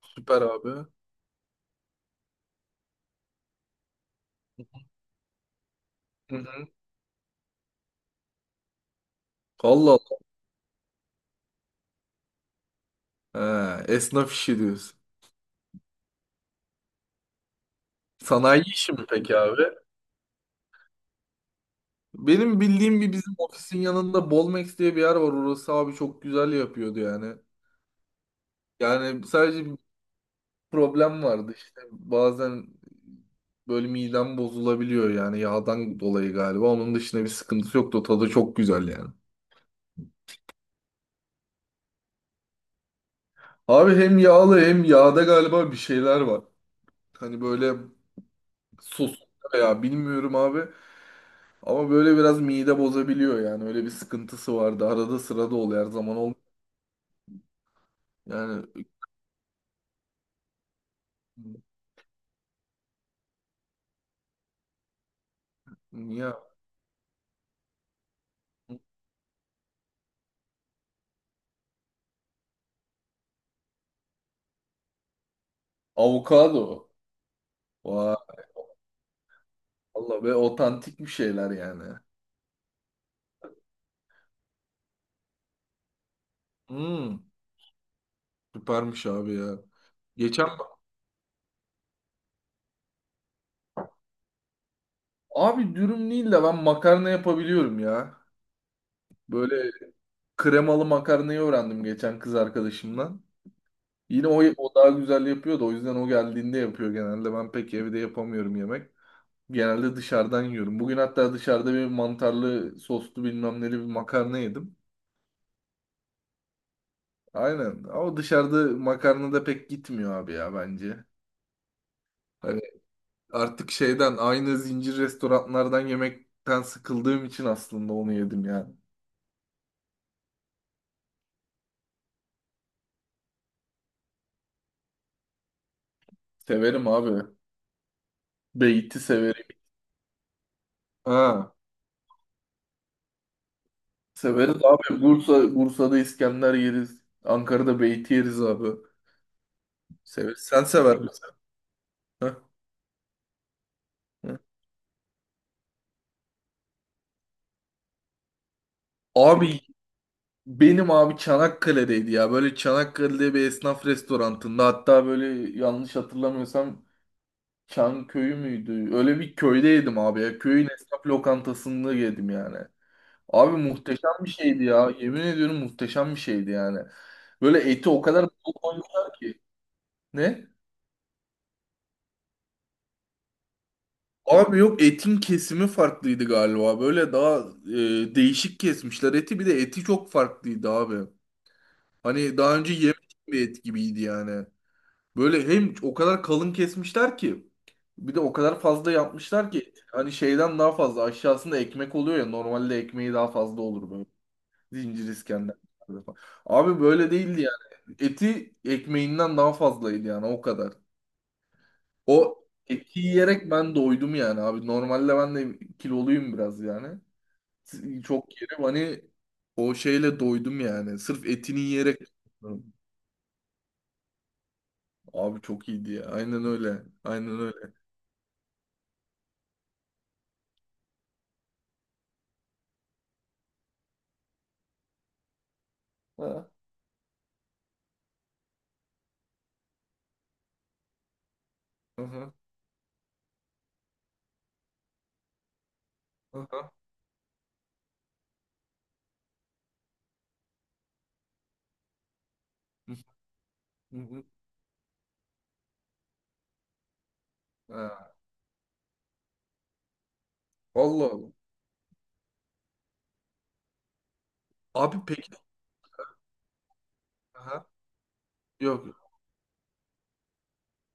Süper abi. Hı hı. Allah Allah. He, esnaf işi diyorsun. Sanayi işi mi peki abi? Benim bildiğim bir, bizim ofisin yanında Bolmex diye bir yer var. Orası abi çok güzel yapıyordu yani. Yani sadece bir problem vardı işte. Bazen böyle midem bozulabiliyor yani yağdan dolayı galiba. Onun dışında bir sıkıntısı yoktu. Tadı çok güzel yani. Abi hem yağlı hem yağda galiba bir şeyler var. Hani böyle sos, ya bilmiyorum abi. Ama böyle biraz mide bozabiliyor yani. Öyle bir sıkıntısı vardı. Arada sırada oluyor. Her zaman olmuyor. Yani niye? Avokado. Vay. Valla ve otantik bir şeyler yani. Hmm, süpermiş abi ya. Geçen abi, dürüm değil de ben makarna yapabiliyorum ya. Böyle kremalı makarnayı öğrendim geçen kız arkadaşımdan. Yine o daha güzel yapıyor da o yüzden o geldiğinde yapıyor genelde. Ben pek evde yapamıyorum yemek. Genelde dışarıdan yiyorum. Bugün hatta dışarıda bir mantarlı soslu bilmem neli bir makarna yedim. Aynen. Ama dışarıda makarna da pek gitmiyor abi ya bence. Hani artık şeyden, aynı zincir restoranlardan yemekten sıkıldığım için aslında onu yedim yani. Severim abi. Beyti severim. Ha, severiz abi. Bursa'da İskender yeriz. Ankara'da beyti yeriz abi. Severiz. Sen sever misin? Ha? Ha. Abi benim abi Çanakkale'deydi ya. Böyle Çanakkale'de bir esnaf restorantında, hatta böyle yanlış hatırlamıyorsam Çanköy'ü müydü? Öyle bir köyde yedim abi ya. Köyün esnaf lokantasında yedim yani. Abi muhteşem bir şeydi ya. Yemin ediyorum muhteşem bir şeydi yani. Böyle eti o kadar bol koymuşlar ki. Ne? Abi yok, etin kesimi farklıydı galiba. Böyle daha değişik kesmişler eti. Bir de eti çok farklıydı abi. Hani daha önce yemedim bir et gibiydi yani. Böyle hem o kadar kalın kesmişler ki bir de o kadar fazla yapmışlar ki, hani şeyden daha fazla, aşağısında ekmek oluyor ya normalde, ekmeği daha fazla olur böyle zincir İskender. Falan. Abi böyle değildi yani. Eti ekmeğinden daha fazlaydı yani o kadar. O eti yiyerek ben doydum yani abi. Normalde ben de kiloluyum biraz yani. Çok yerim hani, o şeyle doydum yani. Sırf etini yiyerek. Abi çok iyiydi ya. Aynen öyle. Aynen öyle. Ha. Aha. Aha. Hı hı. Hı. Ha, Allah Allah. Abi peki. Aha. Yok.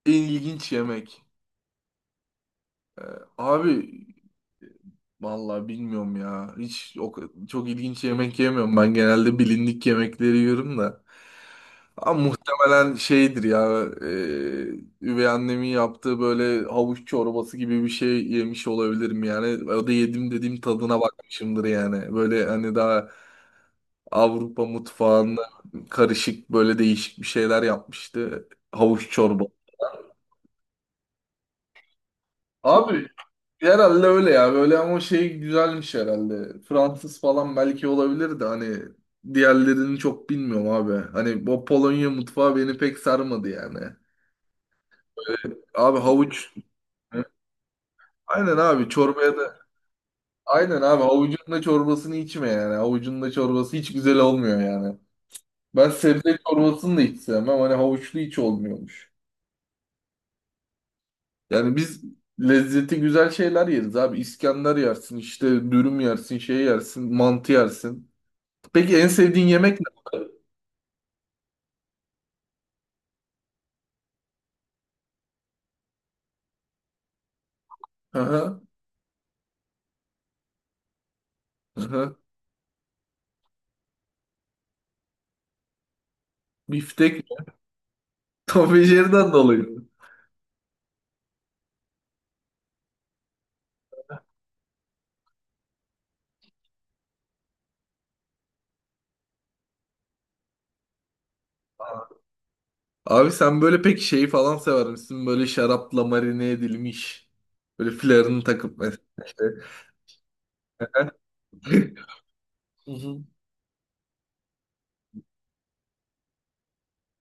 En ilginç yemek. Ee, abi e, vallahi bilmiyorum ya. Hiç o, çok ilginç yemek yemiyorum. Ben genelde bilindik yemekleri yiyorum da. Ama muhtemelen şeydir ya. Üvey annemin yaptığı böyle havuç çorbası gibi bir şey yemiş olabilirim yani. O da yedim dediğim, tadına bakmışımdır yani. Böyle hani daha Avrupa mutfağında karışık böyle değişik bir şeyler yapmıştı. Havuç çorba. Abi herhalde öyle ya böyle, ama şey güzelmiş herhalde. Fransız falan belki olabilir de, hani diğerlerini çok bilmiyorum abi. Hani o Polonya mutfağı beni pek sarmadı yani. Abi havuç, aynen abi çorbaya da, aynen abi havucun da çorbasını içme yani. Havucun da çorbası hiç güzel olmuyor yani. Ben sebze çorbasını da hiç sevmem. Hani havuçlu hiç olmuyormuş. Yani biz lezzeti güzel şeyler yeriz abi. İskender yersin, işte dürüm yersin, şey yersin, mantı yersin. Peki en sevdiğin yemek ne? Aha, aha. Biftek Tom ve Jerry'den dolayı. Abi sen böyle pek şeyi falan sever misin? Böyle şarapla marine edilmiş. Böyle flarını takıp mesela. İşte. Hı hı.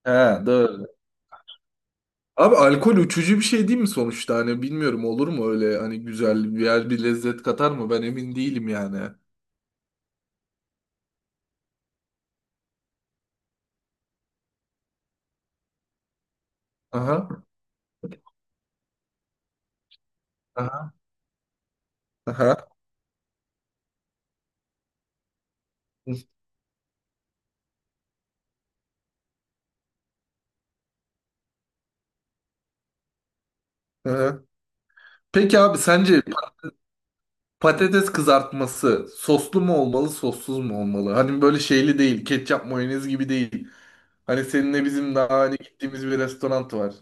He doğru. Abi alkol uçucu bir şey değil mi sonuçta? Hani bilmiyorum, olur mu öyle, hani güzel bir yer bir lezzet katar mı? Ben emin değilim yani. Aha. Aha. Aha. Hı-hı. Peki abi sence patates kızartması soslu mu olmalı, sossuz mu olmalı? Hani böyle şeyli değil, ketçap mayonez gibi değil. Hani seninle bizim daha hani gittiğimiz bir restoran var.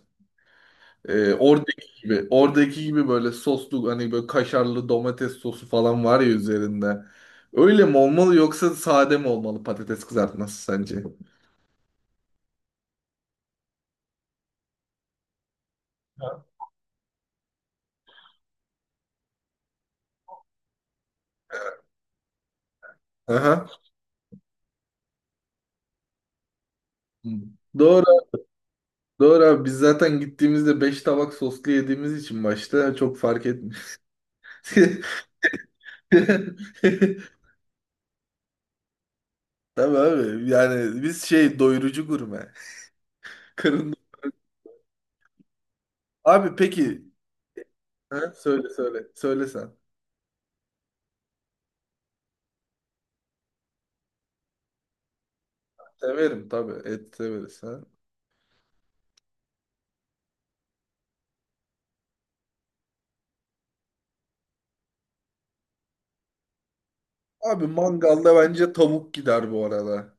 Oradaki gibi, oradaki gibi böyle soslu, hani böyle kaşarlı domates sosu falan var ya üzerinde. Öyle mi olmalı yoksa sade mi olmalı patates kızartması sence? Aha. Doğru, doğru abi. Biz zaten gittiğimizde 5 tabak soslu yediğimiz için başta çok fark etmiyor. Tabii abi. Yani biz şey, doyurucu gurme. Karın. Abi peki. Ha? Söyle söyle. Söyle sen. Severim tabii. Et severiz. Ha? Abi mangalda bence tavuk gider bu arada.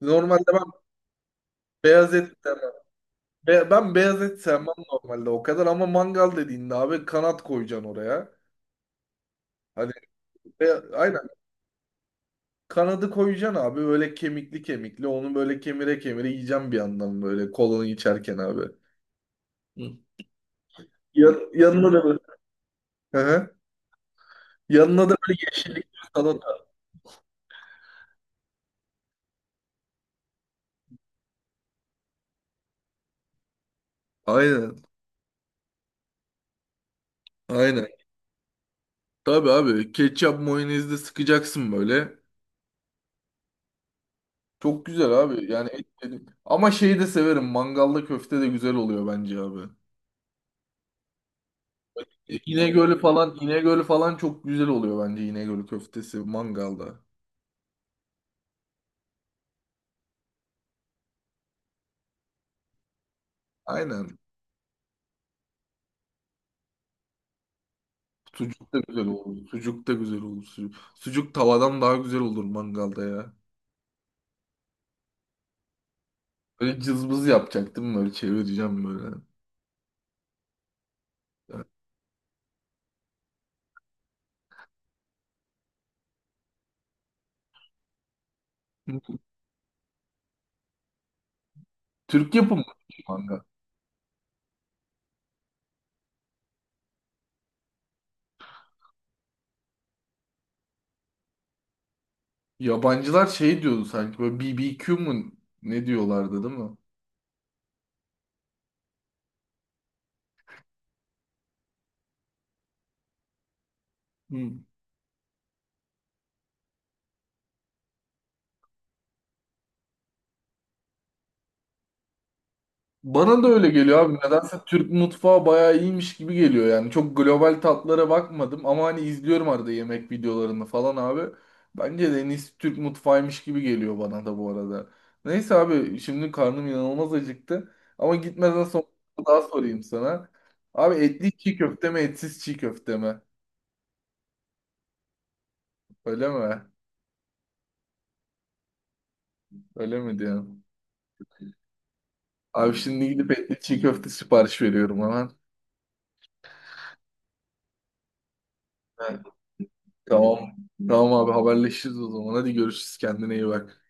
Normalde ben beyaz et sevmem. Ben beyaz et sevmem normalde o kadar, ama mangal dediğinde abi kanat koyacaksın oraya. Hani aynen kanadı koyacaksın abi, böyle kemikli kemikli onu böyle kemire kemire yiyeceğim bir yandan böyle kolunu içerken abi. Hı. Yanına da böyle. Yanına da böyle yeşillik bir salata. Aynen. Aynen. Tabii abi ketçap mayonezle sıkacaksın böyle. Çok güzel abi. Yani et dedim. Ama şeyi de severim. Mangalda köfte de güzel oluyor bence abi. E, İnegöl'ü falan çok güzel oluyor bence İnegöl köftesi mangalda. Aynen. Sucuk da güzel olur. Sucuk da güzel olur. Sucuk tavadan daha güzel olur mangalda ya. Böyle cızbız yapacaktım böyle çevireceğim böyle. Türk yapımı mangal. Yabancılar şey diyordu sanki böyle BBQ mu ne diyorlardı, değil mi? Hmm. Bana da öyle geliyor abi. Nedense Türk mutfağı bayağı iyiymiş gibi geliyor yani. Çok global tatlara bakmadım ama hani izliyorum arada yemek videolarını falan abi. Bence de en iyisi Türk mutfağıymış gibi geliyor bana da bu arada. Neyse abi şimdi karnım inanılmaz acıktı. Ama gitmeden sonra daha sorayım sana. Abi etli çiğ köfte mi, etsiz çiğ köfte mi? Öyle mi? Öyle mi diyorsun? Abi şimdi gidip etli çiğ köfte sipariş veriyorum hemen. Ha, tamam. Tamam abi, haberleşiriz o zaman. Hadi görüşürüz. Kendine iyi bak.